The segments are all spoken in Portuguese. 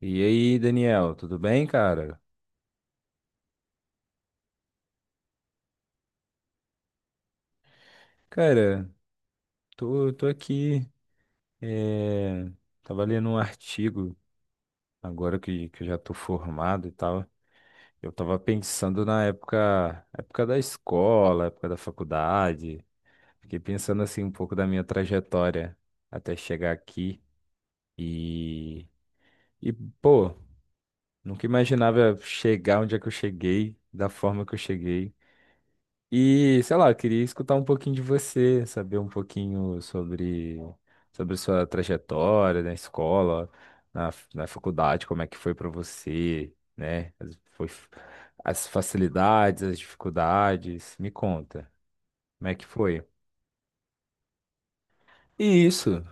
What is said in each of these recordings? E aí, Daniel, tudo bem, cara? Cara, tô aqui. eh, Tava lendo um artigo agora que eu já tô formado e tal. Eu tava pensando na época, época da escola, época da faculdade. Fiquei pensando assim um pouco da minha trajetória até chegar aqui. E, e pô, Nunca imaginava chegar onde é que eu cheguei, da forma que eu cheguei. E, sei lá, eu queria escutar um pouquinho de você, saber um pouquinho sobre sua trajetória na escola, na faculdade, como é que foi para você, né? As facilidades, as dificuldades. Me conta, como é que foi? E isso,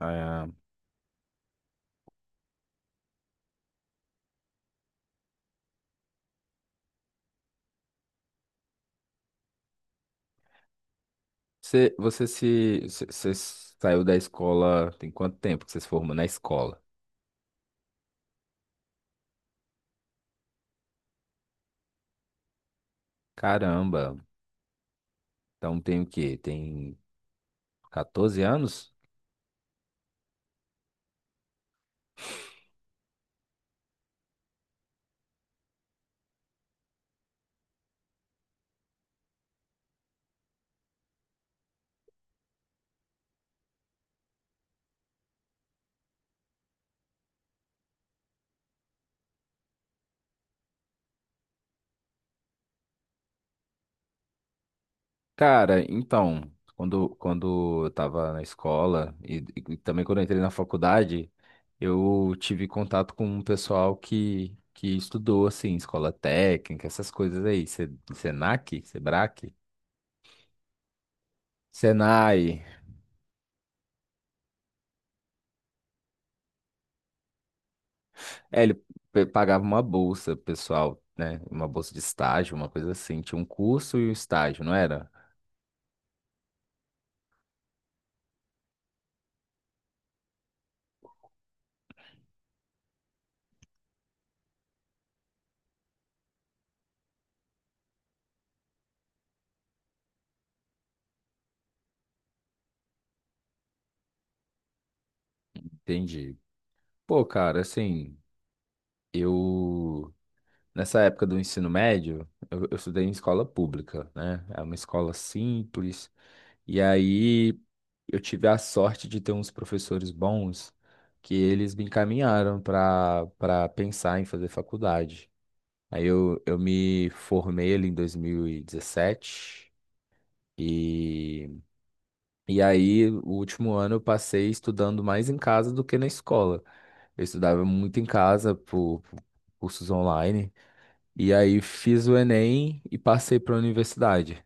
ah, você, você se, você você saiu da escola, tem quanto tempo que você se formou na escola? Caramba, então tem o quê? Tem 14 anos? Cara, então, quando eu tava na escola e também quando eu entrei na faculdade, eu tive contato com um pessoal que estudou, assim, escola técnica, essas coisas aí, Senac, Sebrac, Senai. É, ele pagava uma bolsa pro pessoal, né? Uma bolsa de estágio, uma coisa assim. Tinha um curso e um estágio, não era? Entendi. Pô, cara, assim, eu. Nessa época do ensino médio, eu estudei em escola pública, né? É uma escola simples. E aí eu tive a sorte de ter uns professores bons que eles me encaminharam para pensar em fazer faculdade. Aí eu me formei ali em 2017 e, dezessete. E aí o último ano eu passei estudando mais em casa do que na escola. Eu estudava muito em casa por cursos online. E aí fiz o Enem e passei para a universidade.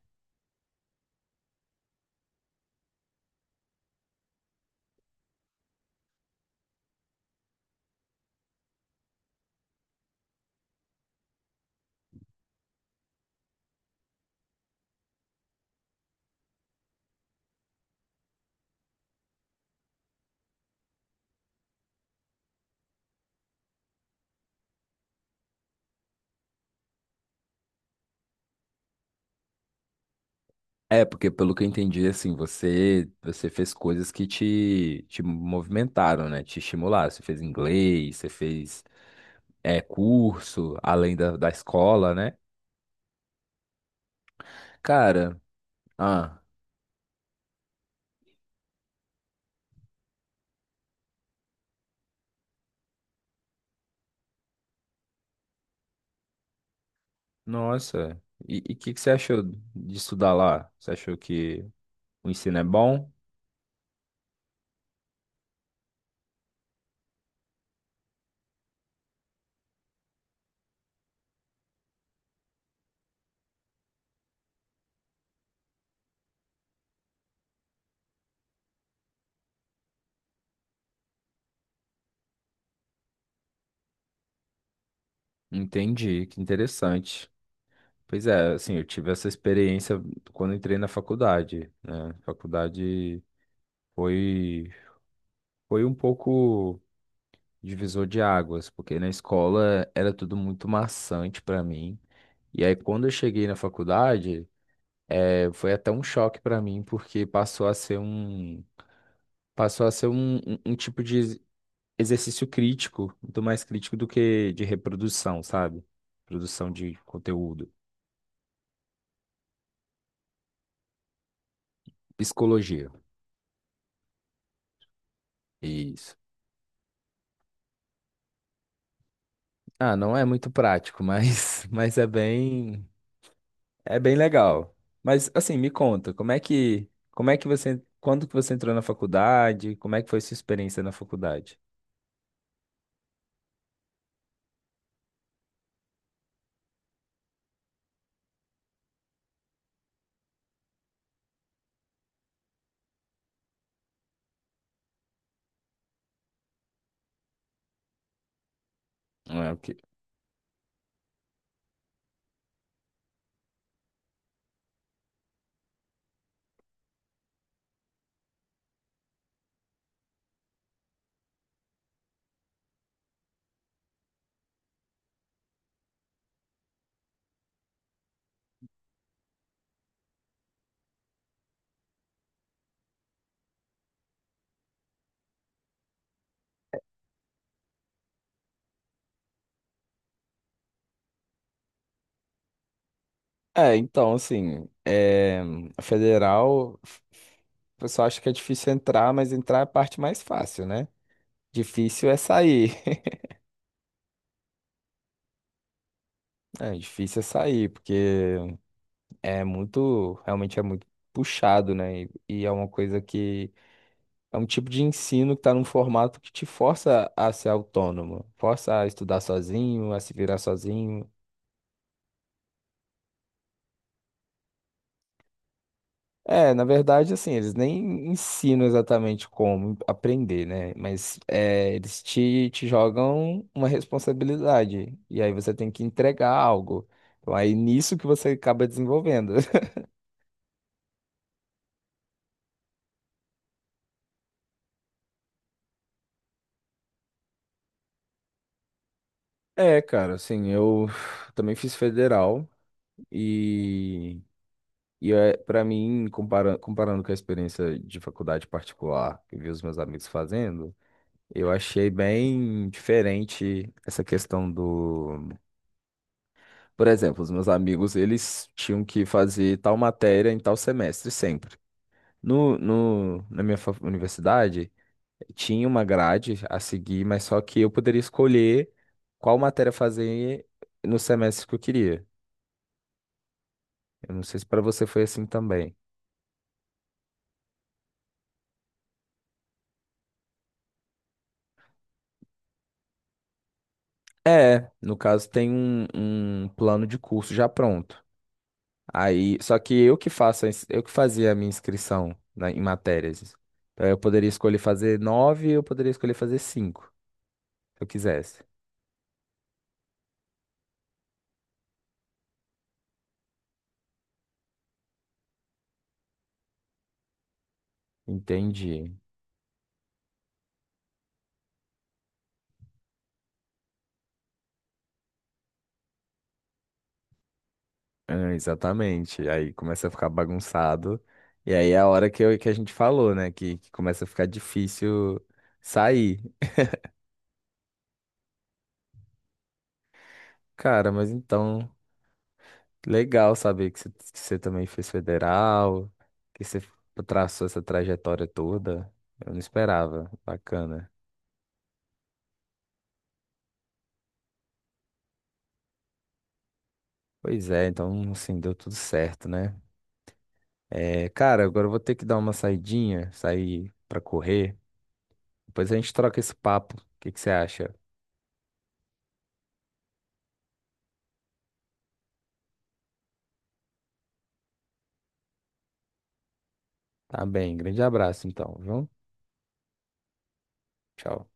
É, porque pelo que eu entendi, assim, você fez coisas que te movimentaram, né? Te estimularam. Você fez inglês, você fez curso, além da escola, né? Cara, ah, nossa. E o que, que você achou de estudar lá? Você achou que o ensino é bom? Entendi, que interessante. Pois é, assim, eu tive essa experiência quando entrei na faculdade, né? Faculdade. Foi, Foi um pouco divisor de águas, porque na escola era tudo muito maçante para mim. E aí, quando eu cheguei na faculdade, foi até um choque para mim, porque passou a ser um, passou a ser um, um, um tipo de exercício crítico, muito mais crítico do que de reprodução, sabe? Produção de conteúdo. Psicologia. Isso. Ah, não é muito prático, mas, mas é bem. É bem legal. Mas assim, me conta, como é que você, quando que você entrou na faculdade? Como é que foi sua experiência na faculdade? É, o que- é, então, assim, é, A federal, o pessoal acha que é difícil entrar, mas entrar é a parte mais fácil, né? Difícil é sair. É, difícil é sair, porque é muito, realmente é muito puxado, né? E é uma coisa que é um tipo de ensino que está num formato que te força a ser autônomo, força a estudar sozinho, a se virar sozinho. É, na verdade, assim, eles nem ensinam exatamente como aprender, né? Mas é, eles te jogam uma responsabilidade, e aí você tem que entregar algo. Então, aí nisso que você acaba desenvolvendo. É, cara, assim, eu também fiz federal e E é, para mim, comparando com a experiência de faculdade particular que eu vi os meus amigos fazendo, eu achei bem diferente essa questão do. Por exemplo, os meus amigos, eles tinham que fazer tal matéria em tal semestre sempre. No, no, Na minha universidade, tinha uma grade a seguir, mas só que eu poderia escolher qual matéria fazer no semestre que eu queria. Eu não sei se para você foi assim também. É, no caso tem um, um plano de curso já pronto. Aí, só que eu que faço, a eu que fazia a minha inscrição em matérias. Então eu poderia escolher fazer nove, eu poderia escolher fazer cinco, se eu quisesse. Entendi. Ah, exatamente. Aí começa a ficar bagunçado. E aí é a hora que, que a gente falou, né? Que começa a ficar difícil sair. Cara, mas então. Legal saber que você também fez federal, que você traçou essa trajetória toda. Eu não esperava. Bacana. Pois é, então assim, deu tudo certo, né? É, cara, agora eu vou ter que dar uma saidinha, sair pra correr. Depois a gente troca esse papo. O que que você acha? Tá bem, grande abraço então, viu? Tchau.